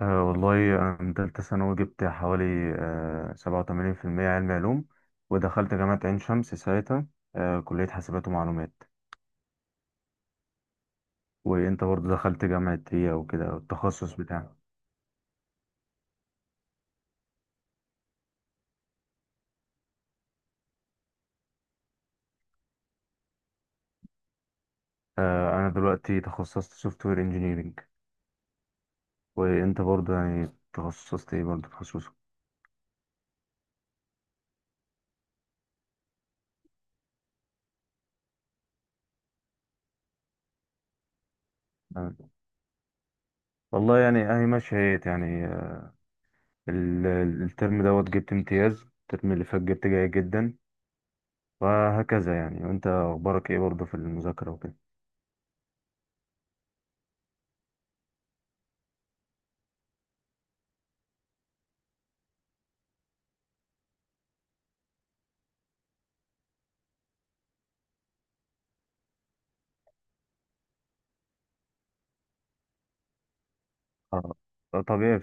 والله أنا تالتة ثانوي جبت حوالي سبعة وتمانين في المية، علمي علوم. ودخلت جامعة عين شمس ساعتها، كلية حاسبات ومعلومات. وأنت برضه دخلت جامعة هي وكده؟ التخصص بتاعك؟ أنا دلوقتي تخصصت سوفت وير انجينيرنج. وأنت برضه يعني تخصصت إيه؟ برضه تخصصك؟ أه والله يعني أهي ماشية هيت يعني. الترم دوت جبت امتياز، الترم اللي فات جبت جيد جدا وهكذا يعني. وأنت أخبارك إيه برضه في المذاكرة وكده؟ آه، طبيعي.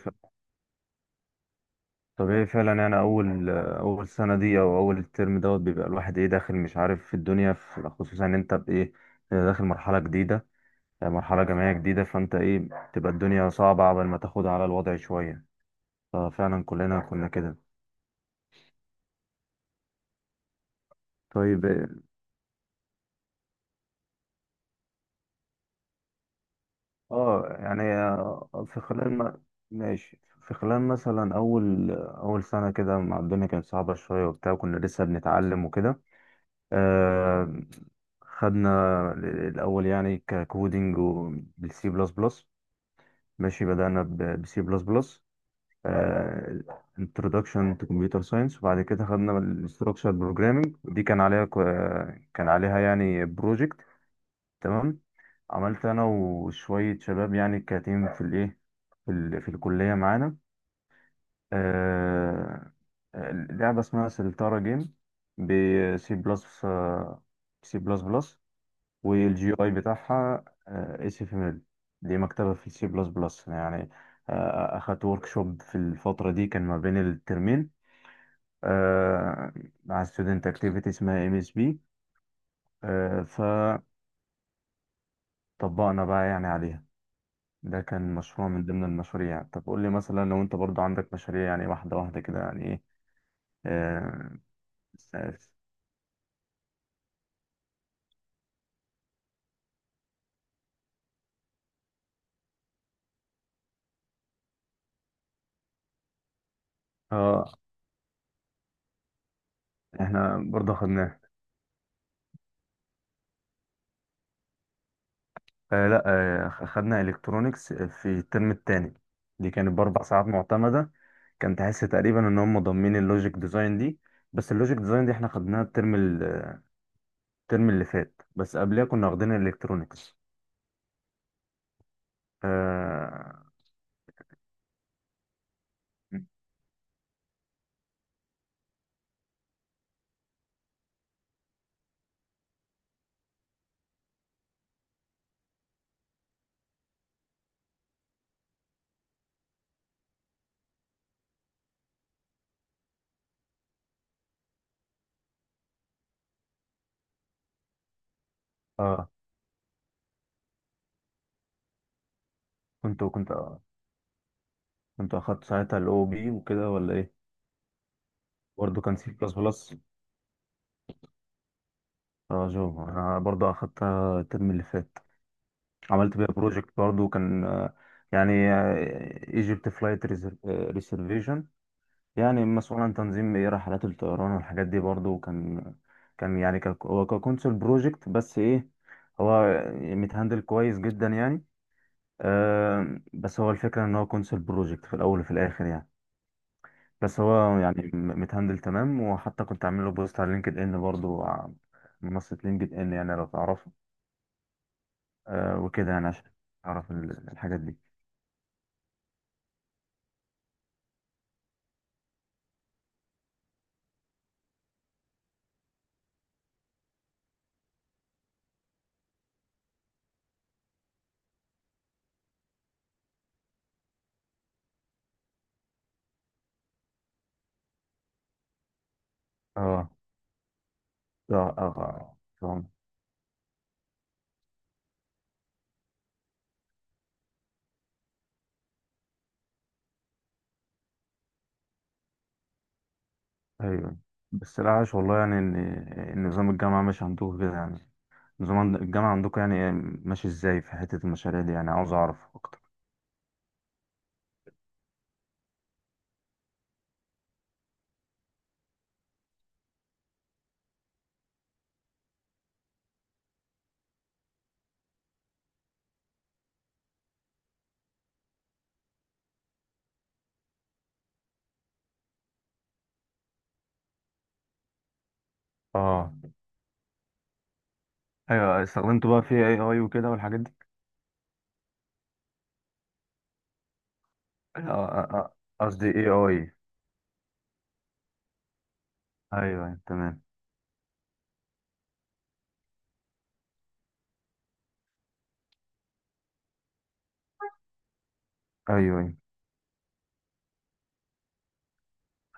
طبيعي فعلا يعني. اول اول سنه دي او اول الترم دوت بيبقى الواحد ايه، داخل مش عارف في الدنيا، في خصوصا ان انت بايه، داخل مرحله جديده، يعني مرحله جامعيه جديده، فانت ايه، تبقى الدنيا صعبه قبل ما تاخدها على الوضع شويه. ففعلا كلنا كنا كده. طيب، يعني، في خلال ما ماشي، في خلال مثلا اول اول سنه كده مع الدنيا كانت صعبه شويه وبتاع، كنا لسه بنتعلم وكده. آه، خدنا الأول يعني ككودينج وبالسي بلس بلس. ماشي، بدأنا بسي بلس بلس، introduction to computer science. وبعد كده خدنا ال structured programming دي، كان عليها كان عليها يعني بروجكت. تمام، عملت أنا وشوية شباب يعني كتيم في الإيه، في الكلية معانا، آه، لعبة اسمها سلتارا جيم، بسي بلس سي بلس بلس، والجي اي بتاعها اس اف ام ال، دي مكتبه في سي بلس بلس يعني. اخدت ورك شوب في الفتره دي كان ما بين الترمين، آه، مع ستودنت اكتيفيتي اسمها ام اس بي، فطبقنا بقى يعني عليها. ده كان مشروع من ضمن المشاريع. طب قول لي مثلا لو انت برضو عندك مشاريع يعني، واحدة واحدة كده، يعني ايه؟ اه آه، احنا برضو خدناه. آه لا آه خدنا الكترونكس في الترم التاني، دي كانت باربع ساعات معتمدة. كان تحس تقريبا ان هم ضامنين اللوجيك ديزاين دي، بس اللوجيك ديزاين دي احنا خدناها الترم اللي فات، بس قبلها كنا واخدين الالكترونكس. اه اه. كنت آه، كنت اخدت ساعتها الاو بي وكده ولا ايه؟ برضه كان سي بلس بلس؟ اه، جو، انا برضه اخدتها الترم اللي فات. عملت بيها بروجكت برضه، كان يعني ايجيبت فلايت ريزرفيشن، يعني مسؤول عن تنظيم ايه، رحلات الطيران والحاجات دي برضو. كان كان يعني هو ككونسول بروجكت بس ايه، هو متهندل كويس جدا يعني. آه بس هو الفكرة ان هو كونسول بروجكت في الاول وفي الاخر يعني، بس هو يعني متهندل تمام. وحتى كنت عامل له بوست على لينكد ان برضو منصة لينكد ان، يعني لو تعرفه. آه وكده يعني، عشان اعرف الحاجات دي. اه اه اه آه. ايوه. بس العاش والله يعني ان، إن نظام الجامعة مش عندكم كده يعني؟ نظام الجامعة عندكم يعني إيه؟ ماشي ازاي في حتة المشاريع دي؟ يعني عاوز اعرف اكتر. اه، ايوه، استخدمتوا بقى في اي اي وكده والحاجات دي؟ آه، آه، آه، قصدي اي اي. ايوه أيوة، تمام. ايوه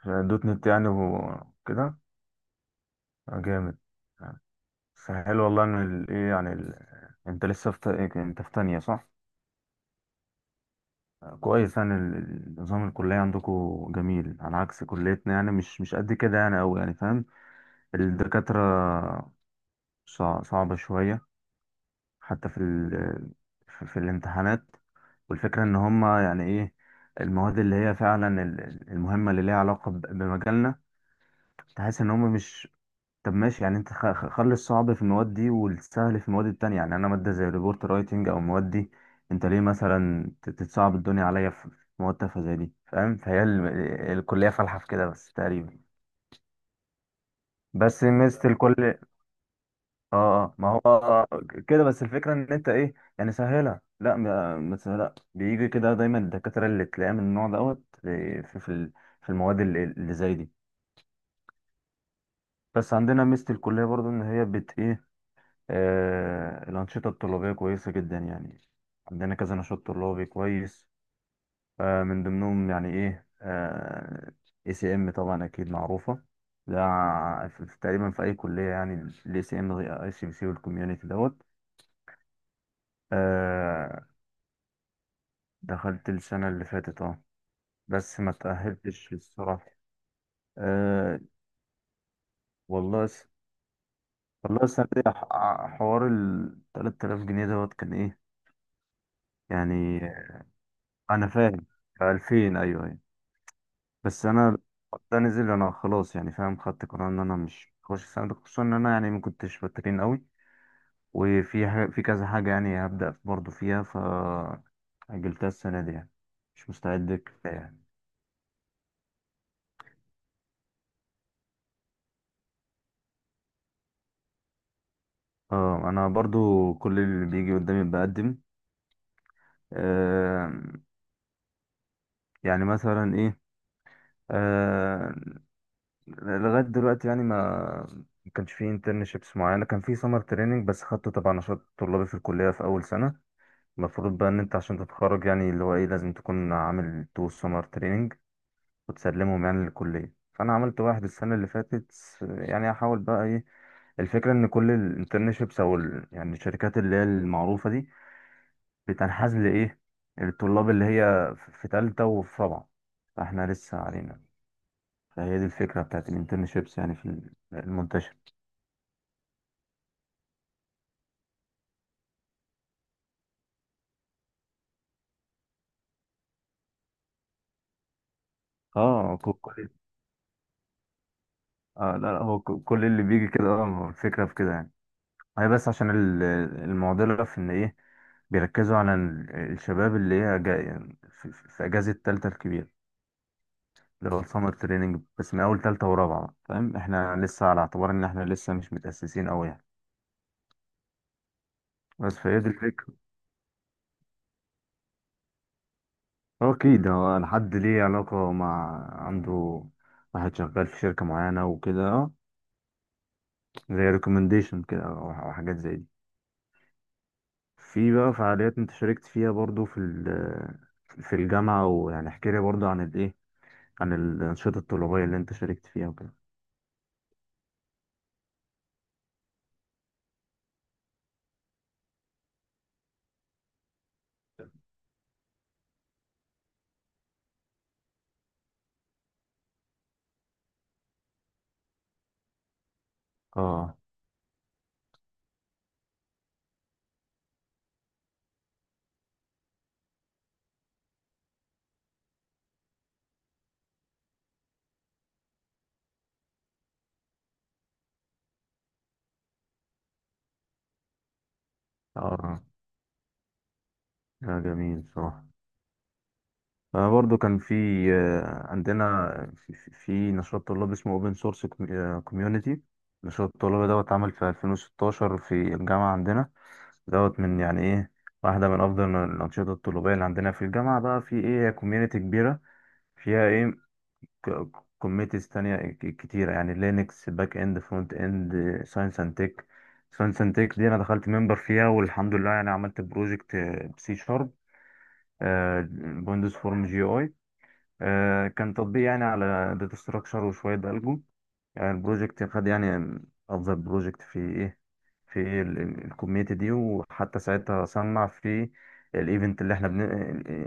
أيوة. دوت نت يعني وكده؟ آه، جامد. آه، بس حلو والله ان ايه يعني ال... انت لسه في إيه، انت في تانية صح؟ آه، كويس يعني، نظام الكلية عندكم جميل، على عكس كليتنا يعني، مش مش قد كده يعني أوي، يعني فاهم، الدكاترة صعبة شوية، حتى في ال... في في الامتحانات. والفكرة ان هما يعني ايه، المواد اللي هي فعلا المهمة اللي ليها علاقة بمجالنا، تحس ان هما مش. طب ماشي يعني، انت خلي الصعب في المواد دي والسهل في المواد التانية. يعني انا مادة زي الريبورت رايتنج او المواد دي، انت ليه مثلا تتصعب الدنيا عليا في في مواد تافهة زي دي، فاهم؟ فهي ال... الكلية فالحة في كده بس تقريبا. بس ميزة الكل، اه اه ما هو آه، آه، كده. بس الفكرة ان انت ايه يعني سهلها، لا ما سهلها، بيجي كده دايما الدكاترة اللي تلاقيها من النوع دوت في في في المواد اللي اللي زي دي. بس عندنا ميزة الكلية برضو ان هي بت ايه، آه، الأنشطة الطلابية كويسة جدا يعني. عندنا كذا نشاط طلابي كويس. آه، من ضمنهم يعني ايه، اي سي ام طبعا اكيد معروفة، ده تقريبا في اي كلية يعني. الاي سي ام، اي سي بي سي، والكوميونتي دوت. آه، دخلت السنة اللي فاتت اه، بس ما تأهلتش الصراحة. أه. والله س... والله السنة دي حوار ال 3000 جنيه دوت، كان ايه يعني. أنا فاهم. 2000، أيوه أيوه، بس أنا ده نزل، أنا خلاص يعني، فاهم، خدت قرار إن أنا مش هخش السنة دي، خصوصا إن أنا يعني ما كنتش بترين قوي، وفي ح... في كذا حاجة يعني هبدأ برضه فيها، فأجلتها السنة دي يعني. مش مستعد كفاية يعني. اه، أنا برضو كل اللي بيجي قدامي بقدم. آه، يعني مثلا ايه، آه، لغايه دلوقتي يعني ما ما كانش في انترنشيبس معينه، كان في سمر تريننج بس خدته تبع نشاط طلابي في الكليه في اول سنه. المفروض بقى ان انت عشان تتخرج يعني اللي هو ايه، لازم تكون عامل تو سمر تريننج وتسلمهم يعني للكليه، فانا عملت واحد السنه اللي فاتت. يعني احاول بقى ايه. الفكره ان كل الانترنشيبس او يعني الشركات اللي هي المعروفه دي، بتنحاز لايه، الطلاب اللي هي في في تالتة وفي رابعة، فاحنا لسه علينا. فهي دي الفكرة بتاعت الانترنشيبس يعني في المنتشر. كل آه لا لا هو كل اللي بيجي كده اه، هو الفكرة في كده يعني. هي بس عشان المعضلة في ان ايه، بيركزوا على الشباب اللي هي جاي في في اجازة التالتة الكبيرة، اللي هو السمر تريننج، بس من اول تالتة ورابعة بقى، فاهم، احنا لسه على اعتبار ان احنا لسه مش متأسسين اوي يعني. بس فهي دي الفكرة. هو اكيد هو الحد ليه علاقة مع، عنده واحد شغال في شركة معينة وكده، آه، زي ريكومنديشن كده او أو حاجات زي دي. في بقى فعاليات انت شاركت فيها برضو في في الجامعة ويعني احكي لي برضو عن الايه، عن الأنشطة الطلابية اللي انت شاركت فيها وكده. اه اه. ده جميل بصراحة. أنا برضو كان في، آه، عندنا في في نشاط طلاب اسمه اوبن سورس كوميونيتي، نشاط الطلاب دوت اتعمل في 2016 في الجامعة عندنا. دوت من يعني ايه، واحدة من أفضل الأنشطة الطلابية اللي عندنا في الجامعة بقى، في ايه، كوميونيتي كبيرة فيها ايه، كوميتيز تانية كتيرة يعني، لينكس، باك اند، فرونت اند، ساينس اند تك. ساينس اند تك دي انا دخلت ممبر فيها والحمد لله، يعني عملت بروجكت بسي شارب، ويندوز فورم جي اي، كان تطبيق يعني على داتا ستراكشر وشوية الجو. يعني البروجكت خد يعني افضل بروجكت في ايه، في إيه الكوميونتي دي، وحتى ساعتها صنع في الايفنت اللي احنا بن...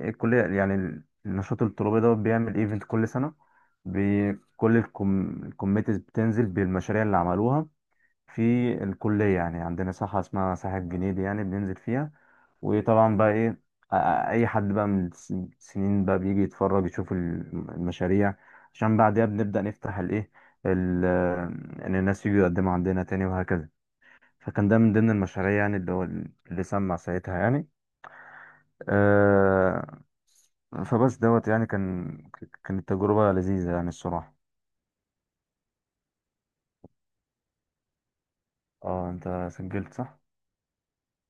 آه، الكليه يعني النشاط الطلابي ده بيعمل ايفنت كل سنه، بكل الكوم... الكوميتيز بتنزل بالمشاريع اللي عملوها في الكلية. يعني عندنا ساحة اسمها ساحة جنيدي، يعني بننزل فيها. وطبعا بقى ايه آ- اي حد بقى من السنين بقى بيجي يتفرج يشوف المشاريع، عشان بعدها بنبدأ نفتح الايه، ال-، ان الناس يجوا يقدموا عندنا تاني وهكذا. فكان ده من ضمن المشاريع يعني، اللي هو اللي سمع ساعتها يعني. آه، فبس دوت يعني، كان كانت تجربة لذيذة يعني الصراحة. اه انت سجلت صح؟